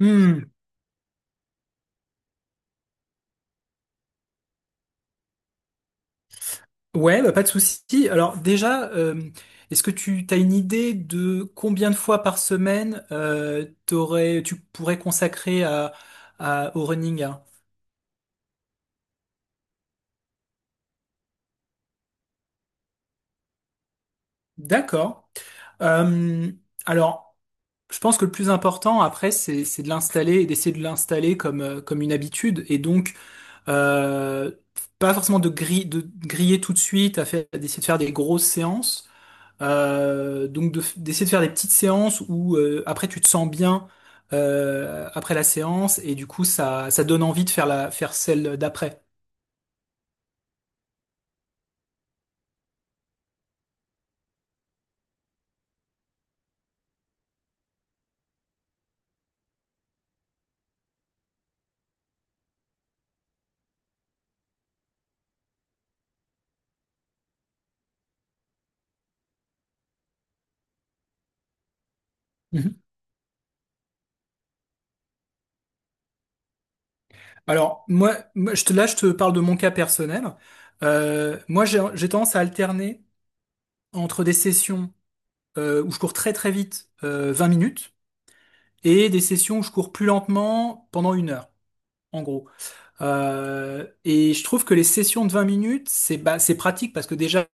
Hmm. Ouais, bah, pas de souci. Alors déjà, est-ce que tu as une idée de combien de fois par semaine tu pourrais consacrer au running, hein? D'accord. Euh, alors, je pense que le plus important après, c'est de l'installer et d'essayer de l'installer comme, comme une habitude. Et donc, euh, pas forcément de griller tout de suite, d'essayer de faire des grosses séances. Donc de d'essayer de faire des petites séances où après tu te sens bien après la séance, et du coup ça donne envie de faire la faire celle d'après. Mhm. Alors moi, je te là je te parle de mon cas personnel. Moi j'ai tendance à alterner entre des sessions où je cours très très vite, 20 minutes, et des sessions où je cours plus lentement pendant une heure, en gros. Et je trouve que les sessions de 20 minutes, c'est bah, c'est pratique parce que déjà,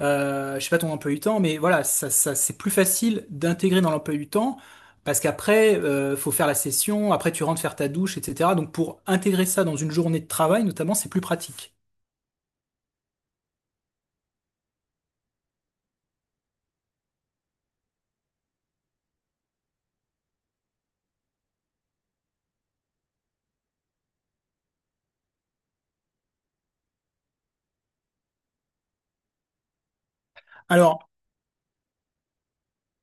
je sais pas ton emploi du temps, mais voilà, c'est plus facile d'intégrer dans l'emploi du temps parce qu'après, faut faire la session, après tu rentres faire ta douche, etc. Donc pour intégrer ça dans une journée de travail, notamment, c'est plus pratique. Alors,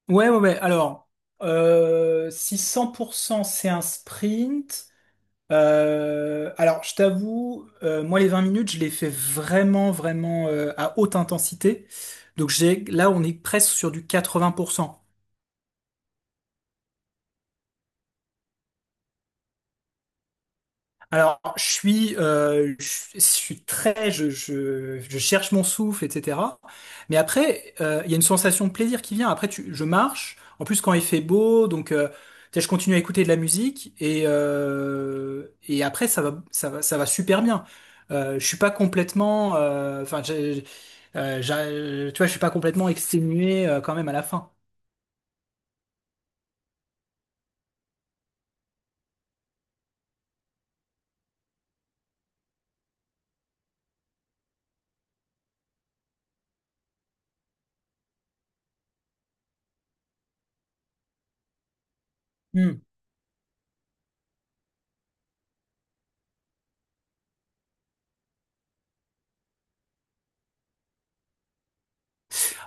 ouais. Alors, si 100% c'est un sprint. Alors, je t'avoue, moi, les 20 minutes, je les fais vraiment à haute intensité. Donc, là, on est presque sur du 80%. Alors, je suis très, je cherche mon souffle, etc. Mais après, il y a une sensation de plaisir qui vient. Après, je marche. En plus, quand il fait beau, donc, tu sais, je continue à écouter de la musique et après, ça va super bien. Je suis pas complètement, enfin, tu vois, je suis pas complètement exténué quand même à la fin. Hmm.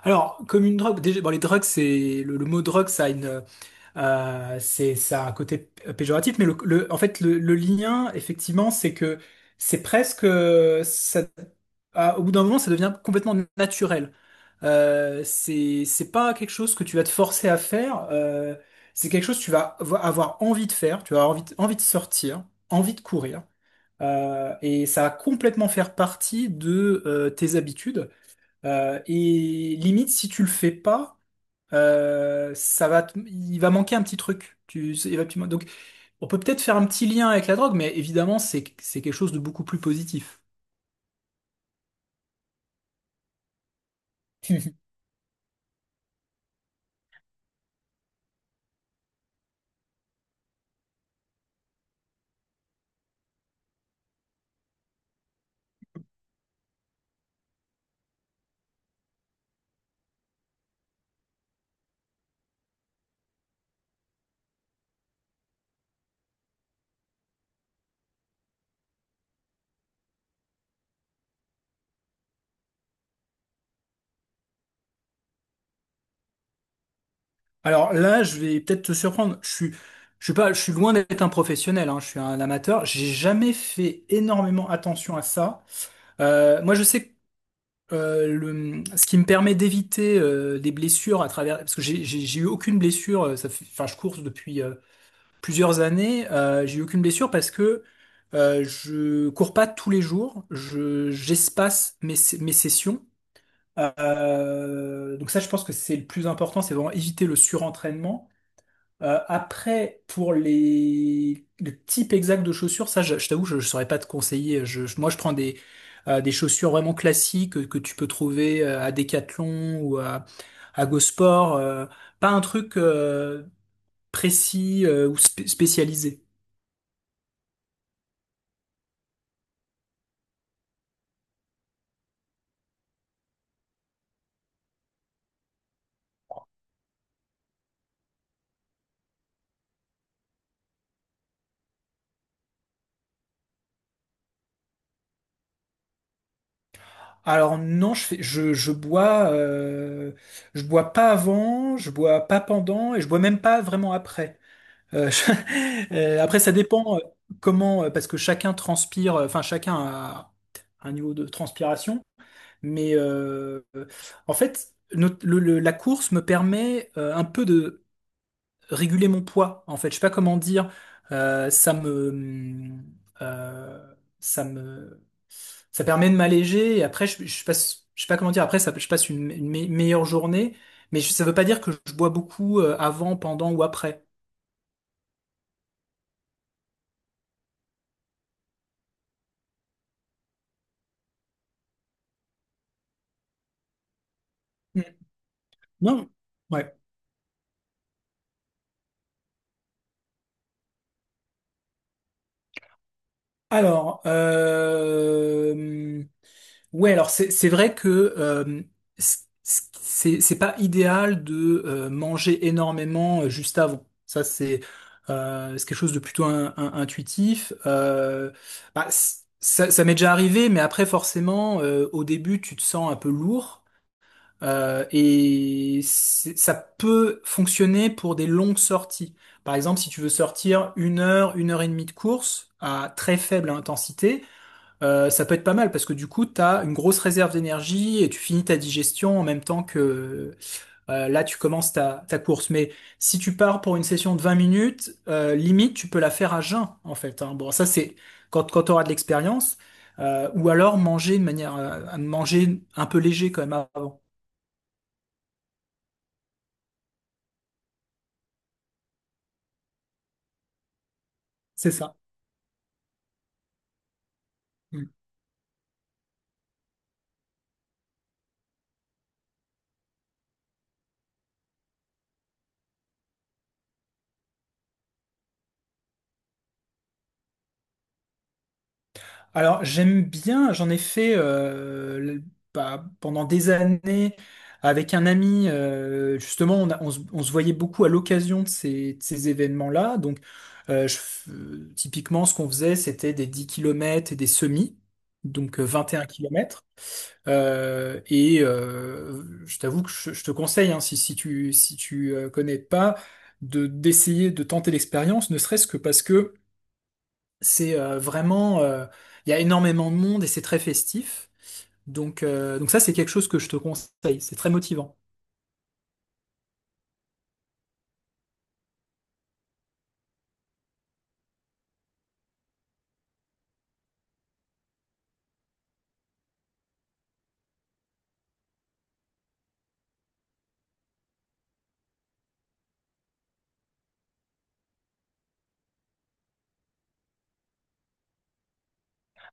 Alors, comme une drogue, déjà, bon, les drogues, le mot drogue, ça a une... C'est ça a un côté péjoratif, mais en fait le lien, effectivement, c'est que c'est presque au bout d'un moment, ça devient complètement naturel. C'est pas quelque chose que tu vas te forcer à faire. C'est quelque chose que tu vas avoir envie de faire. Tu vas avoir envie de sortir, envie de courir. Et ça va complètement faire partie de tes habitudes. Et limite, si tu le fais pas, ça va, il va manquer un petit truc. Tu, il va- tu- Donc, on peut peut-être faire un petit lien avec la drogue, mais évidemment, c'est quelque chose de beaucoup plus positif. Alors là, je vais peut-être te surprendre. Je suis pas, je suis loin d'être un professionnel, hein. Je suis un amateur. J'ai jamais fait énormément attention à ça. Moi, je sais que ce qui me permet d'éviter des blessures à travers, parce que j'ai eu aucune blessure. Ça fait, enfin, je cours depuis plusieurs années, j'ai eu aucune blessure parce que je cours pas tous les jours, je j'espace mes sessions. Donc ça, je pense que c'est le plus important, c'est vraiment éviter le surentraînement. Après, pour les le type exact de chaussures, ça, je t'avoue, je saurais pas te conseiller. Moi, je prends des chaussures vraiment classiques que tu peux trouver à Decathlon ou à Go Sport. Pas un truc précis spécialisé. Alors non, je bois pas avant, je bois pas pendant et je bois même pas vraiment après. Après, ça dépend comment, parce que chacun transpire, enfin chacun a un niveau de transpiration, mais en fait, la course me permet un peu de réguler mon poids, en fait. Je sais pas comment dire. Euh, ça me, ça me, ça permet de m'alléger. Et après, je passe, je sais pas comment dire. Après, ça, je passe une meilleure journée. Mais ça veut pas dire que je bois beaucoup avant, pendant ou après. Mm. Non. Ouais. Alors, ouais, alors c'est vrai que euh, c- c'est pas idéal de manger énormément juste avant. Ça c'est quelque chose de plutôt intuitif. Bah, ça m'est déjà arrivé, mais après forcément au début tu te sens un peu lourd, et ça peut fonctionner pour des longues sorties. Par exemple, si tu veux sortir une heure et demie de course à très faible intensité. Ça peut être pas mal parce que du coup, tu as une grosse réserve d'énergie et tu finis ta digestion en même temps que là, tu commences ta course. Mais si tu pars pour une session de 20 minutes, limite, tu peux la faire à jeun, en fait, hein. Bon, ça, c'est quand tu auras de l'expérience. Ou alors manger de manière, à manger un peu léger quand même avant. C'est ça. Mm. Alors, j'aime bien, j'en ai fait bah, pendant des années avec un ami. Justement, on se voyait beaucoup à l'occasion de ces événements-là. Donc, typiquement, ce qu'on faisait, c'était des 10 kilomètres et des semis, donc 21 km. Je t'avoue que je te conseille, hein, si tu connais pas, de d'essayer de tenter l'expérience, ne serait-ce que parce que c'est il y a énormément de monde et c'est très festif. Donc, ça, c'est quelque chose que je te conseille. C'est très motivant.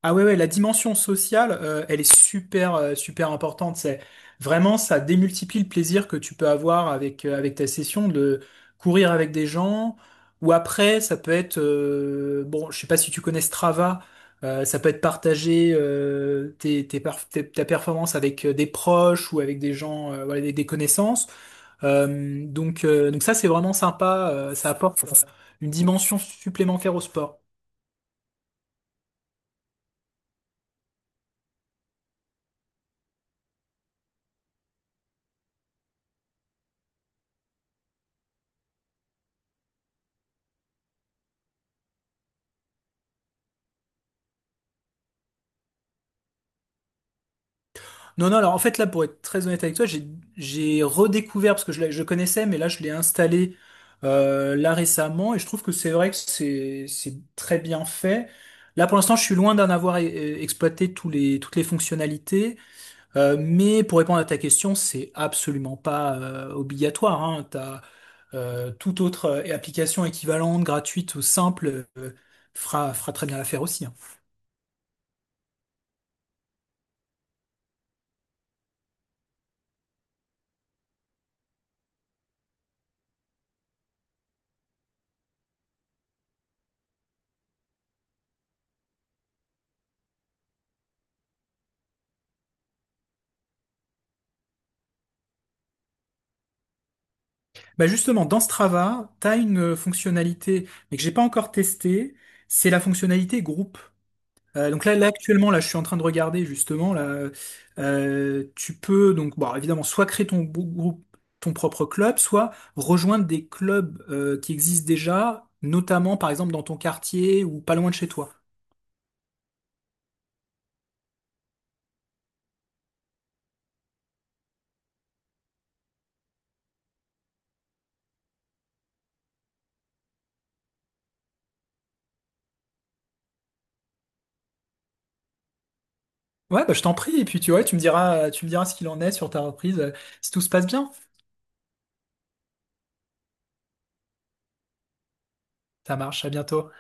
Ah la dimension sociale, elle est super importante. C'est vraiment, ça démultiplie le plaisir que tu peux avoir avec, avec ta session de courir avec des gens. Ou après, ça peut être, bon, je sais pas si tu connais Strava, ça peut être partager ta performance avec des proches ou avec des gens, voilà, des connaissances. Ça, c'est vraiment sympa. Ça apporte une dimension supplémentaire au sport. Non, non, alors en fait, là, pour être très honnête avec toi, j'ai redécouvert, parce que je connaissais, mais là, je l'ai installé là récemment, et je trouve que c'est vrai que c'est très bien fait. Là, pour l'instant, je suis loin d'en avoir exploité toutes les fonctionnalités, mais pour répondre à ta question, c'est absolument pas obligatoire, hein. T'as, toute autre application équivalente, gratuite ou simple, fera très bien l'affaire aussi, hein. Bah justement, dans Strava, tu as une fonctionnalité, mais que j'ai pas encore testée, c'est la fonctionnalité groupe. Donc là actuellement, là je suis en train de regarder justement là, tu peux donc bon évidemment soit créer groupe, ton propre club, soit rejoindre des clubs qui existent déjà, notamment par exemple dans ton quartier ou pas loin de chez toi. Ouais, bah je t'en prie, et puis tu vois, tu me diras ce qu'il en est sur ta reprise, si tout se passe bien. Ça marche, à bientôt.